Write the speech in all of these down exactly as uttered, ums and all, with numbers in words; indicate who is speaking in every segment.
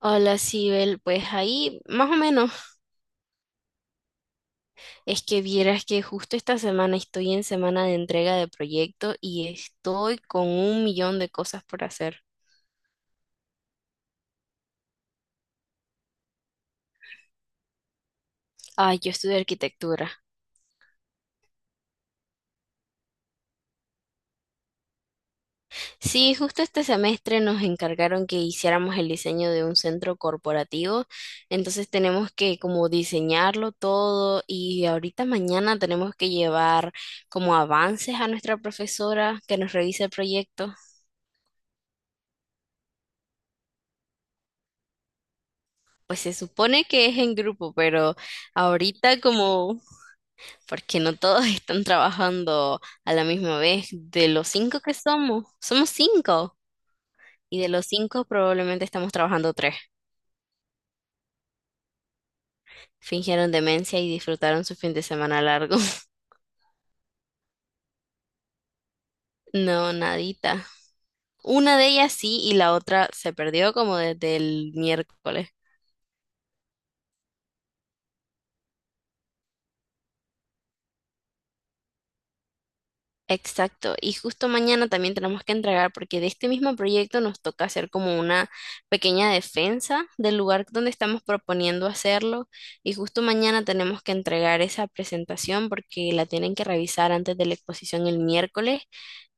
Speaker 1: Hola, Sibel. Pues ahí, más o menos, es que vieras que justo esta semana estoy en semana de entrega de proyecto y estoy con un millón de cosas por hacer. Ay, yo estudio arquitectura. Sí, justo este semestre nos encargaron que hiciéramos el diseño de un centro corporativo, entonces tenemos que como diseñarlo todo y ahorita mañana tenemos que llevar como avances a nuestra profesora que nos revise el proyecto. Pues se supone que es en grupo, pero ahorita como, porque no todos están trabajando a la misma vez, de los cinco que somos, somos cinco, y de los cinco probablemente estamos trabajando tres. Fingieron demencia y disfrutaron su fin de semana largo. No, nadita. Una de ellas sí y la otra se perdió como desde el miércoles. Exacto, y justo mañana también tenemos que entregar, porque de este mismo proyecto nos toca hacer como una pequeña defensa del lugar donde estamos proponiendo hacerlo, y justo mañana tenemos que entregar esa presentación porque la tienen que revisar antes de la exposición el miércoles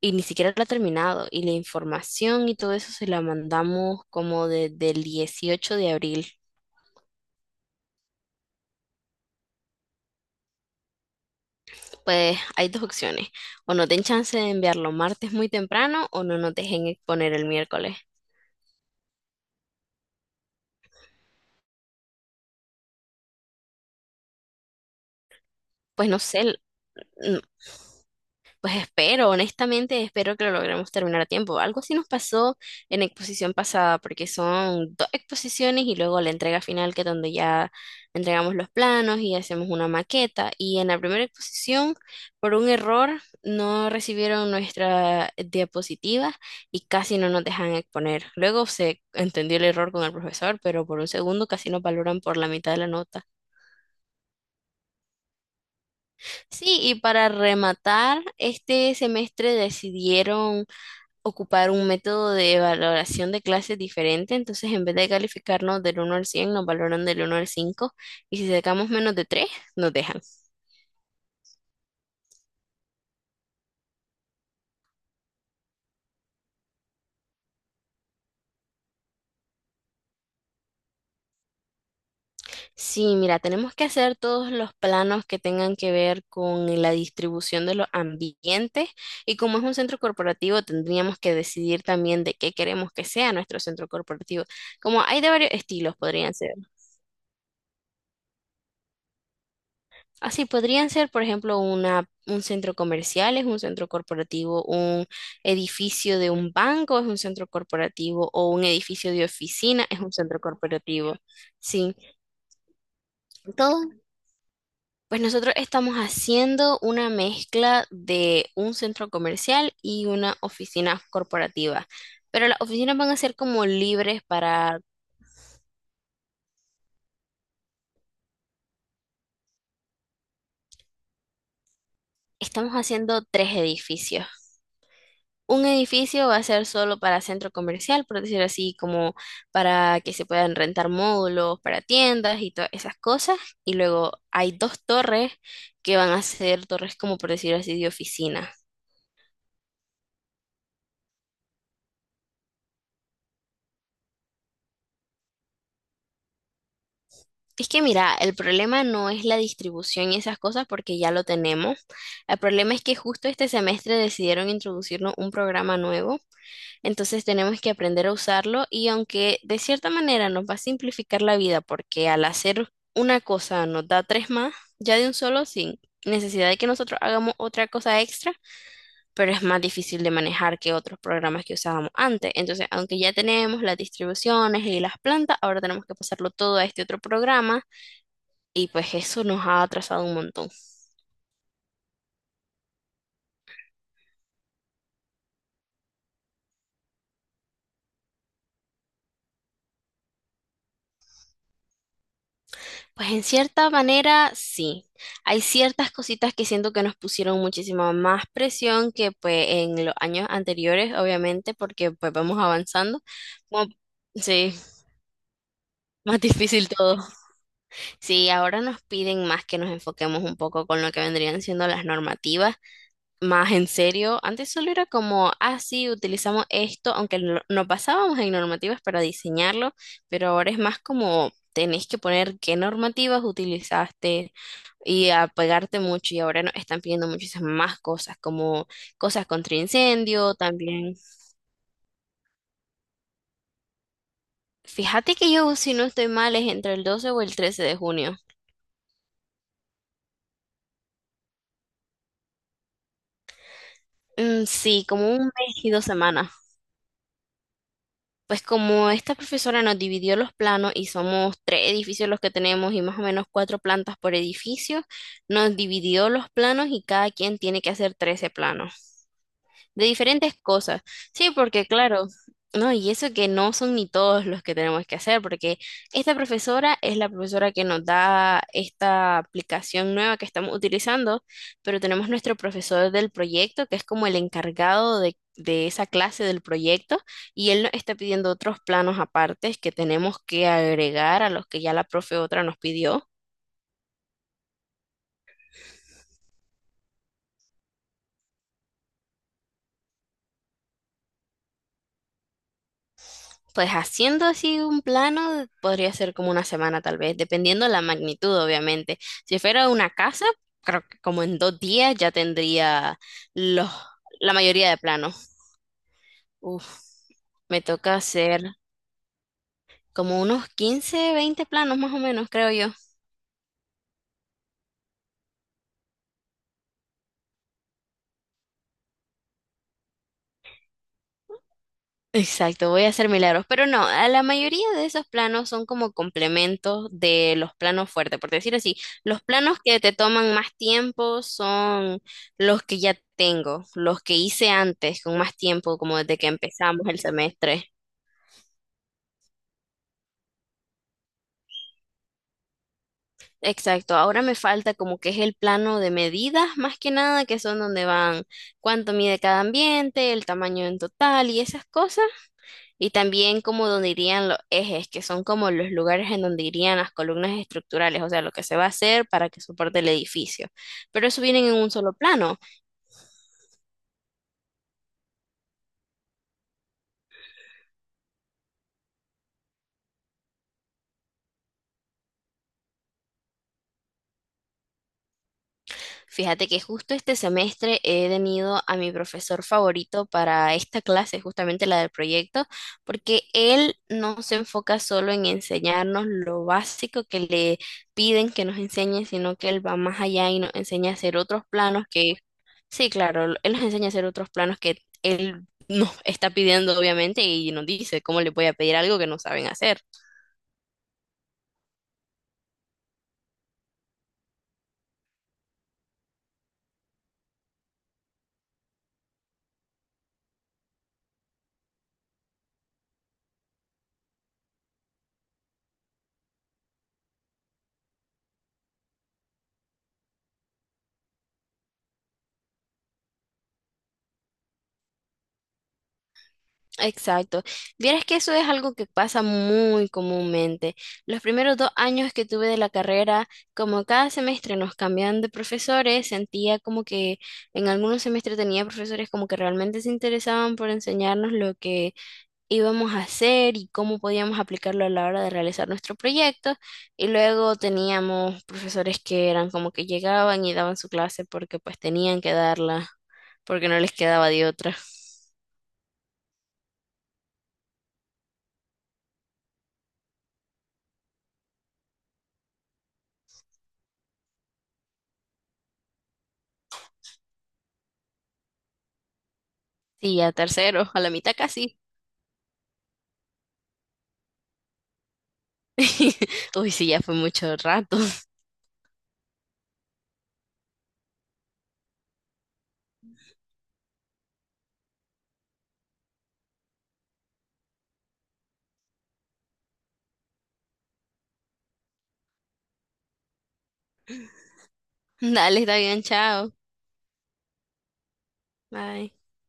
Speaker 1: y ni siquiera la ha terminado, y la información y todo eso se la mandamos como desde el dieciocho de abril. Pues hay dos opciones, o no den chance de enviarlo martes muy temprano o no nos dejen exponer el miércoles. Pues no sé, pues espero, honestamente, espero que lo logremos terminar a tiempo. Algo así nos pasó en la exposición pasada, porque son dos exposiciones y luego la entrega final, que es donde ya entregamos los planos y hacemos una maqueta. Y en la primera exposición, por un error, no recibieron nuestra diapositiva y casi no nos dejan exponer. Luego se entendió el error con el profesor, pero por un segundo casi nos valoran por la mitad de la nota. Sí, y para rematar, este semestre decidieron ocupar un método de valoración de clases diferente, entonces en vez de calificarnos del uno al cien nos valoran del uno al cinco y si sacamos menos de tres nos dejan. Sí, mira, tenemos que hacer todos los planos que tengan que ver con la distribución de los ambientes y como es un centro corporativo, tendríamos que decidir también de qué queremos que sea nuestro centro corporativo. Como hay de varios estilos, podrían ser. Así podrían ser, por ejemplo, una, un centro comercial, es un centro corporativo, un edificio de un banco es un centro corporativo o un edificio de oficina es un centro corporativo. Sí, todo. Pues nosotros estamos haciendo una mezcla de un centro comercial y una oficina corporativa, pero las oficinas van a ser como libres para, estamos haciendo tres edificios. Un edificio va a ser solo para centro comercial, por decirlo así, como para que se puedan rentar módulos para tiendas y todas esas cosas. Y luego hay dos torres que van a ser torres como por decirlo así de oficina. Es que mira, el problema no es la distribución y esas cosas porque ya lo tenemos. El problema es que justo este semestre decidieron introducirnos un programa nuevo. Entonces tenemos que aprender a usarlo y aunque de cierta manera nos va a simplificar la vida porque al hacer una cosa nos da tres más, ya de un solo sin necesidad de que nosotros hagamos otra cosa extra, pero es más difícil de manejar que otros programas que usábamos antes. Entonces, aunque ya tenemos las distribuciones y las plantas, ahora tenemos que pasarlo todo a este otro programa y pues eso nos ha atrasado un montón. Pues en cierta manera, sí. Hay ciertas cositas que siento que nos pusieron muchísima más presión que pues en los años anteriores, obviamente, porque pues vamos avanzando. Como- sí, más difícil todo. Sí, ahora nos piden más que nos enfoquemos un poco con lo que vendrían siendo las normativas más en serio. Antes solo era como, ah, sí, utilizamos esto, aunque no, no pasábamos en normativas para diseñarlo, pero ahora es más como tenés que poner qué normativas utilizaste y apegarte mucho. Y ahora nos están pidiendo muchísimas más cosas, como cosas contra incendio también. Fíjate que yo, si no estoy mal, es entre el doce o el trece de junio. Mm, sí, como un mes y dos semanas. Pues como esta profesora nos dividió los planos y somos tres edificios los que tenemos y más o menos cuatro plantas por edificio, nos dividió los planos y cada quien tiene que hacer trece planos de diferentes cosas. Sí, porque claro, no, y eso que no son ni todos los que tenemos que hacer, porque esta profesora es la profesora que nos da esta aplicación nueva que estamos utilizando, pero tenemos nuestro profesor del proyecto, que es como el encargado de, de esa clase del proyecto, y él nos está pidiendo otros planos apartes que tenemos que agregar a los que ya la profe otra nos pidió. Pues haciendo así un plano podría ser como una semana tal vez, dependiendo de la magnitud, obviamente. Si fuera una casa, creo que como en dos días ya tendría los, la mayoría de planos. Uf, me toca hacer como unos quince, veinte planos más o menos, creo yo. Exacto, voy a hacer milagros, pero no, a la mayoría de esos planos son como complementos de los planos fuertes, por decir así, los planos que te toman más tiempo son los que ya tengo, los que hice antes con más tiempo, como desde que empezamos el semestre. Exacto, ahora me falta como que es el plano de medidas, más que nada, que son donde van cuánto mide cada ambiente, el tamaño en total y esas cosas. Y también como donde irían los ejes, que son como los lugares en donde irían las columnas estructurales, o sea, lo que se va a hacer para que soporte el edificio. Pero eso viene en un solo plano. Fíjate que justo este semestre he tenido a mi profesor favorito para esta clase, justamente la del proyecto, porque él no se enfoca solo en enseñarnos lo básico que le piden que nos enseñe, sino que él va más allá y nos enseña a hacer otros planos que sí, claro, él nos enseña a hacer otros planos que él nos está pidiendo, obviamente, y nos dice cómo le voy a pedir algo que no saben hacer. Exacto. Vieras que eso es algo que pasa muy comúnmente. Los primeros dos años que tuve de la carrera, como cada semestre nos cambian de profesores, sentía como que en algunos semestres tenía profesores como que realmente se interesaban por enseñarnos lo que íbamos a hacer y cómo podíamos aplicarlo a la hora de realizar nuestro proyecto. Y luego teníamos profesores que eran como que llegaban y daban su clase porque pues tenían que darla, porque no les quedaba de otra. Sí, a tercero, a la mitad casi. Uy, sí, ya fue mucho rato. Dale, está bien, chao. Bye.